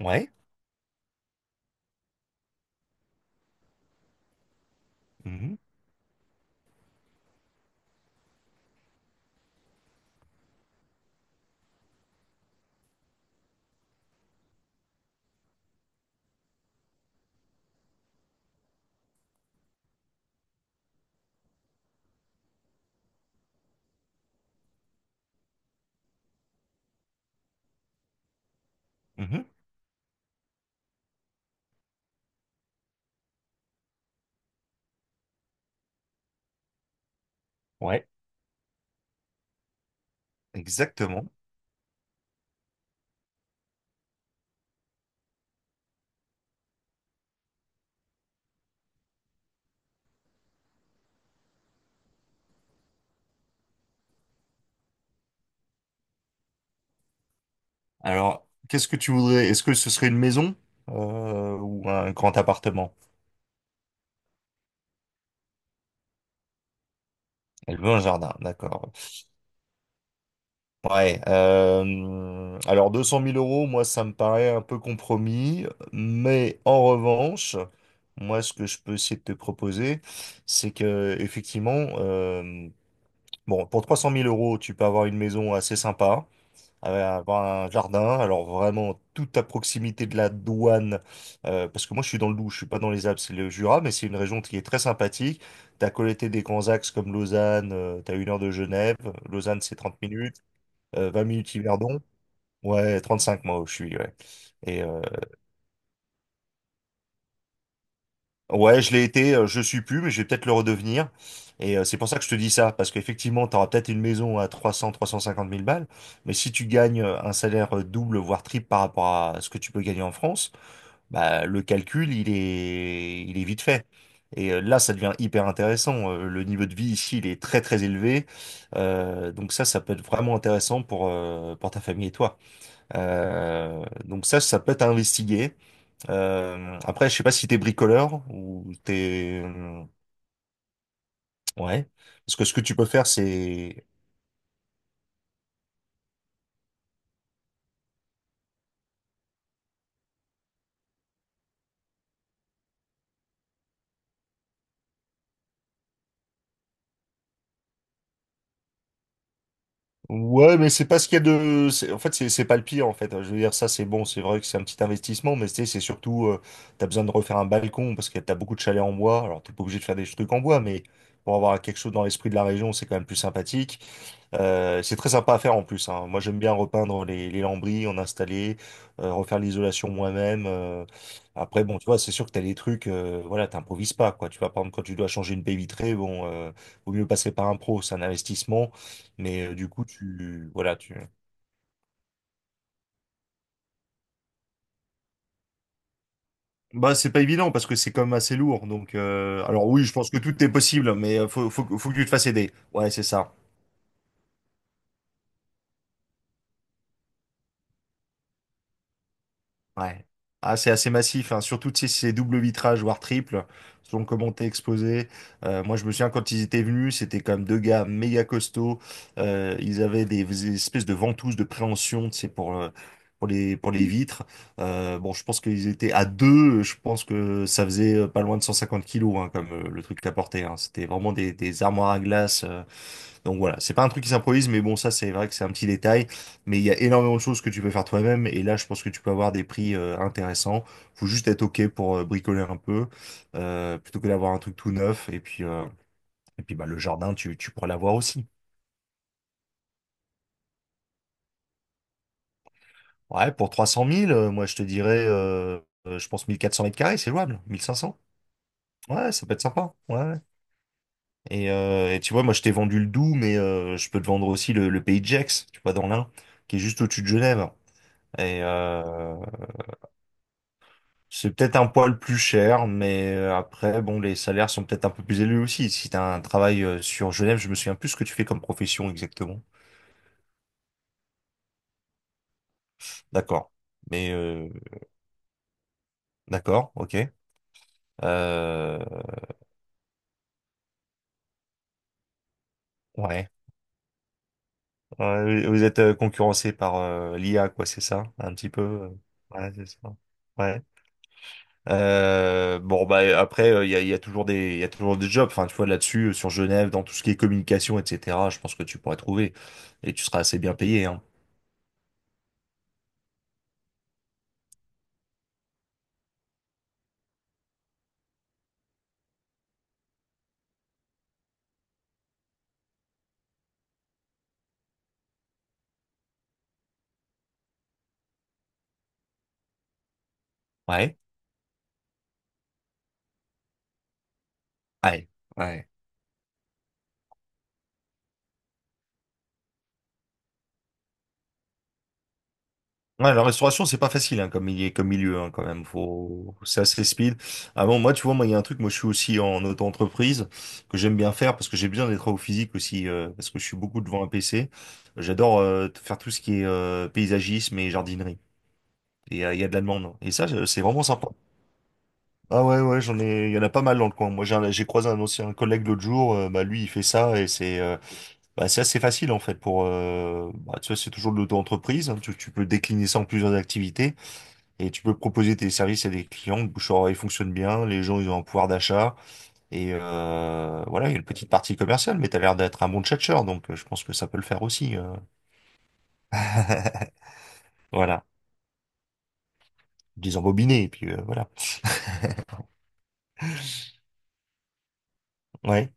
Ouais. Mhm, mhm. Ouais, exactement. Alors, qu'est-ce que tu voudrais? Est-ce que ce serait une maison ou un grand appartement? Elle veut un jardin, d'accord. Ouais. Alors, 200 000 euros, moi, ça me paraît un peu compromis. Mais en revanche, moi, ce que je peux essayer de te proposer, c'est que, effectivement, euh, bon, pour 300 000 euros, tu peux avoir une maison assez sympa, à avoir un jardin, alors vraiment tout à proximité de la douane, parce que moi je suis dans le Doubs, je suis pas dans les Alpes, c'est le Jura, mais c'est une région qui est très sympathique. T'as collecté des grands axes comme Lausanne, t'as une heure de Genève, Lausanne c'est 30 minutes, 20 minutes Yverdon, ouais 35 moi où je suis, ouais. Et euh, ouais je l'ai été, je suis plus, mais je vais peut-être le redevenir. C'est pour ça que je te dis ça, parce qu'effectivement t'auras peut-être une maison à 300, 350 000 balles, mais si tu gagnes un salaire double voire triple par rapport à ce que tu peux gagner en France, bah, le calcul, il est vite fait. Là, ça devient hyper intéressant. Le niveau de vie ici, il est très très élevé. Donc ça peut être vraiment intéressant pour ta famille et toi. Donc ça peut être à investiguer. Après, je sais pas si t'es bricoleur ou t'es... Ouais. Parce que ce que tu peux faire, c'est... Ouais, mais c'est pas ce qu'il y a de... En fait, c'est pas le pire, en fait. Je veux dire, ça, c'est bon. C'est vrai que c'est un petit investissement, mais tu sais, c'est surtout... T'as besoin de refaire un balcon parce que t'as beaucoup de chalets en bois. Alors, t'es pas obligé de faire des trucs en bois, mais pour avoir quelque chose dans l'esprit de la région, c'est quand même plus sympathique. C'est très sympa à faire en plus, hein. Moi, j'aime bien repeindre les lambris, en installer, refaire l'isolation moi-même. Après, bon, tu vois, c'est sûr que t'as des trucs, voilà, t'improvises pas, quoi. Tu vois, par exemple, quand tu dois changer une baie vitrée, bon, vaut mieux passer par un pro, c'est un investissement. Mais du coup, tu, voilà, tu... Bah, c'est pas évident parce que c'est quand même assez lourd. Donc, alors oui, je pense que tout est possible, mais faut que tu te fasses aider. Ouais, c'est ça. Ouais. Ah, c'est assez massif, hein. Surtout tu sais, si c'est double vitrage, voire triple, selon comment t'es exposé. Moi, je me souviens quand ils étaient venus, c'était quand même deux gars méga costauds. Ils avaient des espèces de ventouses de préhension, tu sais, pour pour les vitres. Bon, je pense qu'ils étaient à deux, je pense que ça faisait pas loin de 150 kilos, hein, comme le truc qu'ils apportaient, hein. C'était vraiment des armoires à glace. Donc voilà, c'est pas un truc qui s'improvise, mais bon, ça c'est vrai que c'est un petit détail. Mais il y a énormément de choses que tu peux faire toi-même, et là je pense que tu peux avoir des prix intéressants. Faut juste être ok pour bricoler un peu, plutôt que d'avoir un truc tout neuf. Et puis bah, le jardin, tu pourras l'avoir aussi. Ouais, pour 300 000, moi je te dirais, je pense 1 400 mètres carrés, c'est jouable. 1 500. Ouais, ça peut être sympa. Ouais. Ouais. Et tu vois, moi je t'ai vendu le Doubs, mais je peux te vendre aussi le Pays de Gex, tu vois, dans l'Ain, qui est juste au-dessus de Genève. Et, euh, C'est peut-être un poil plus cher, mais après, bon, les salaires sont peut-être un peu plus élevés aussi. Si tu as un travail sur Genève, je me souviens plus ce que tu fais comme profession exactement. D'accord. Mais d'accord, ok. Euh, ouais. Ouais, vous êtes concurrencé par l'IA, quoi, c'est ça? Un petit peu. Ouais, c'est ça. Ouais. Bon bah après y a toujours des il y a toujours des jobs enfin tu vois là-dessus, sur Genève, dans tout ce qui est communication etc, je pense que tu pourrais trouver et tu seras assez bien payé hein. Ouais. Ouais, ouais. Ouais, la restauration, c'est pas facile hein, comme milieu, hein, quand même. Faut... C'est assez speed. Ah bon, moi, tu vois, moi, il y a un truc, moi, je suis aussi en auto-entreprise, que j'aime bien faire, parce que j'ai besoin des travaux physiques aussi, parce que je suis beaucoup devant un PC. J'adore faire tout ce qui est paysagisme et jardinerie. Et il y a de la demande. Hein. Et ça, c'est vraiment sympa. Ah ouais, ouais, j'en ai, il y en a pas mal dans le coin. Moi, j'ai croisé un ancien collègue l'autre jour, bah, lui, il fait ça, et c'est... Bah, c'est assez facile en fait pour bah, tu vois c'est toujours de l'auto-entreprise hein, tu peux décliner ça en plusieurs activités, et tu peux proposer tes services à des clients, le bouche à oreille fonctionne bien, les gens ils ont un pouvoir d'achat, et voilà, il y a une petite partie commerciale, mais t'as l'air d'être un bon tchatcheur donc je pense que ça peut le faire aussi Voilà, désembobiné, et puis voilà. Ouais,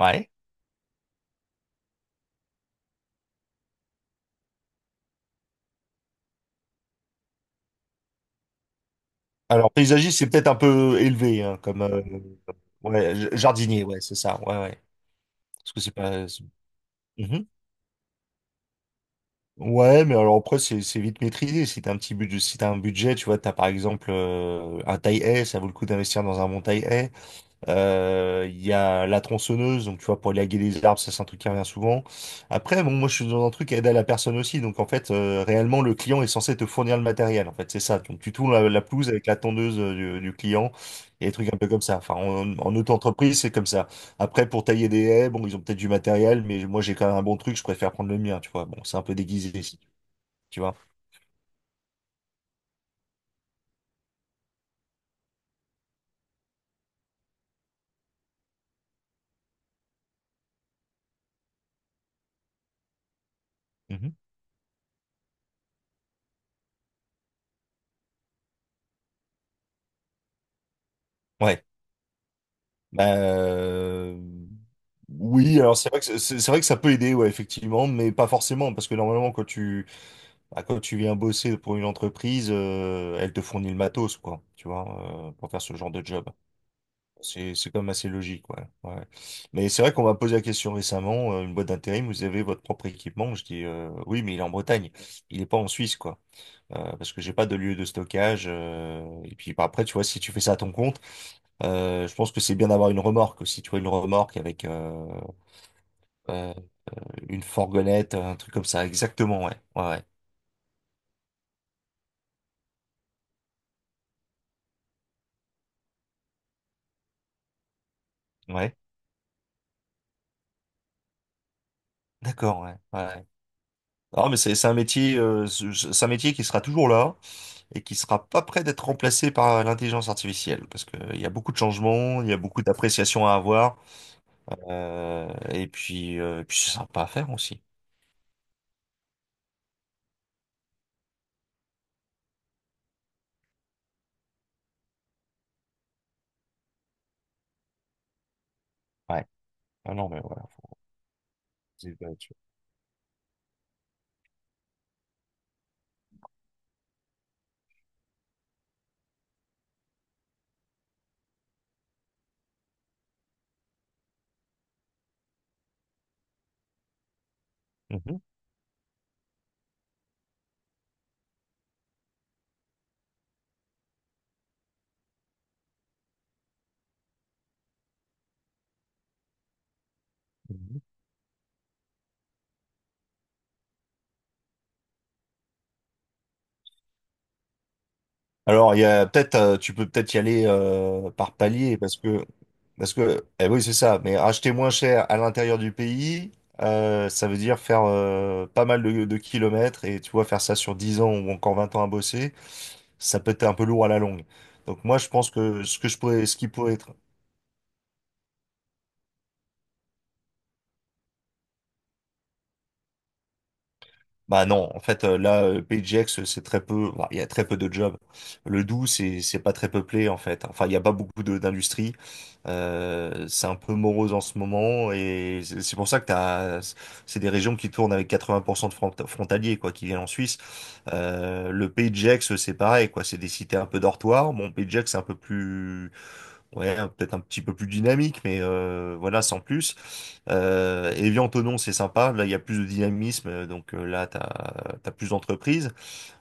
ouais. Alors paysagiste c'est peut-être un peu élevé hein, comme ouais, jardinier ouais c'est ça, ouais, ouais, parce que c'est pas... Mhm. Ouais, mais alors après, c'est vite maîtrisé. Si t'as un petit budget, Si t'as un budget, tu vois, t'as par exemple un taille S, ça vaut le coup d'investir dans un bon taille. Il y a la tronçonneuse, donc tu vois, pour élaguer les arbres, ça c'est un truc qui revient souvent. Après, bon, moi je suis dans un truc à aider à la personne aussi, donc en fait, réellement, le client est censé te fournir le matériel, en fait, c'est ça. Donc tu tournes la pelouse avec la tondeuse du client, et des trucs un peu comme ça. Enfin, en auto-entreprise, c'est comme ça. Après, pour tailler des haies, bon, ils ont peut-être du matériel, mais moi j'ai quand même un bon truc, je préfère prendre le mien, tu vois. Bon, c'est un peu déguisé, si tu vois. Mhm. Ouais. Bah, oui, alors c'est vrai que c'est vrai que ça peut aider, ouais, effectivement, mais pas forcément, parce que normalement quand tu... bah, quand tu viens bosser pour une entreprise, elle te fournit le matos, quoi, tu vois, pour faire ce genre de job. C'est quand même assez logique, ouais. Ouais. Mais c'est vrai qu'on m'a posé la question récemment, une boîte d'intérim, vous avez votre propre équipement? Je dis oui, mais il est en Bretagne, il est pas en Suisse, quoi. Parce que j'ai pas de lieu de stockage. Et puis bah, après, tu vois, si tu fais ça à ton compte. Je pense que c'est bien d'avoir une remorque aussi, tu vois, une remorque avec euh, une fourgonnette, un truc comme ça. Exactement, ouais, ouais, ouais. Ouais. D'accord, ouais, ouais. Ouais. Non, mais c'est un métier, c'est un métier qui sera toujours là et qui sera pas prêt d'être remplacé par l'intelligence artificielle, parce que il y a beaucoup de changements, il y a beaucoup d'appréciations à avoir et puis c'est sympa à faire aussi. Ouais. Ah non, mais voilà, faut... c'est- bah, tu- Mhm. Mhm. Alors, il y a peut-être, tu peux peut-être y aller par palier, parce que, eh oui, c'est ça. Mais acheter moins cher à l'intérieur du pays, ça veut dire faire pas mal de kilomètres, et tu vois, faire ça sur 10 ans ou encore 20 ans à bosser, ça peut être un peu lourd à la longue. Donc moi, je pense que ce que je pourrais, ce qui pourrait être... Bah non, en fait là PageX c'est très peu, bah, il y a très peu de jobs. Le Doubs c'est pas très peuplé en fait. Enfin il y a pas beaucoup de d'industrie. C'est un peu morose en ce moment, et c'est pour ça que t'as... c'est des régions qui tournent avec 80% de frontaliers quoi qui viennent en Suisse. Le PageX c'est pareil quoi, c'est des cités un peu dortoirs. Bon PageX c'est un peu plus, ouais, peut-être un petit peu plus dynamique, mais voilà, sans plus. Evian, Tonon, c'est sympa. Là, il y a plus de dynamisme, donc là, t'as plus d'entreprises.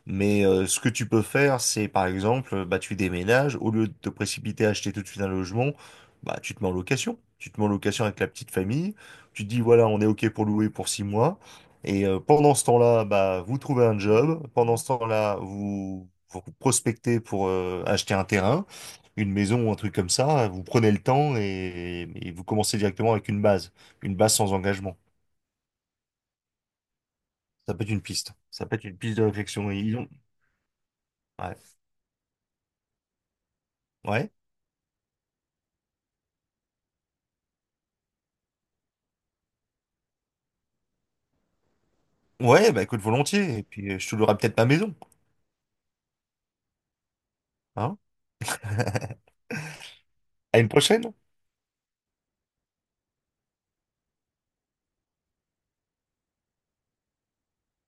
Mais ce que tu peux faire, c'est par exemple, bah, tu déménages, au lieu de te précipiter à acheter tout de suite un logement, bah, tu te mets en location. Tu te mets en location avec la petite famille, tu te dis voilà, on est OK pour louer pour 6 mois. Et pendant ce temps-là, bah, vous trouvez un job. Pendant ce temps-là, vous, vous prospectez pour acheter un terrain, une maison ou un truc comme ça. Vous prenez le temps et vous commencez directement avec une base sans engagement. Ça peut être une piste. Ça peut être une piste de réflexion. Et ils ont... Ouais. Ouais. Ouais, bah écoute, volontiers. Et puis, je te louerai peut-être ma maison. Hein? À une prochaine.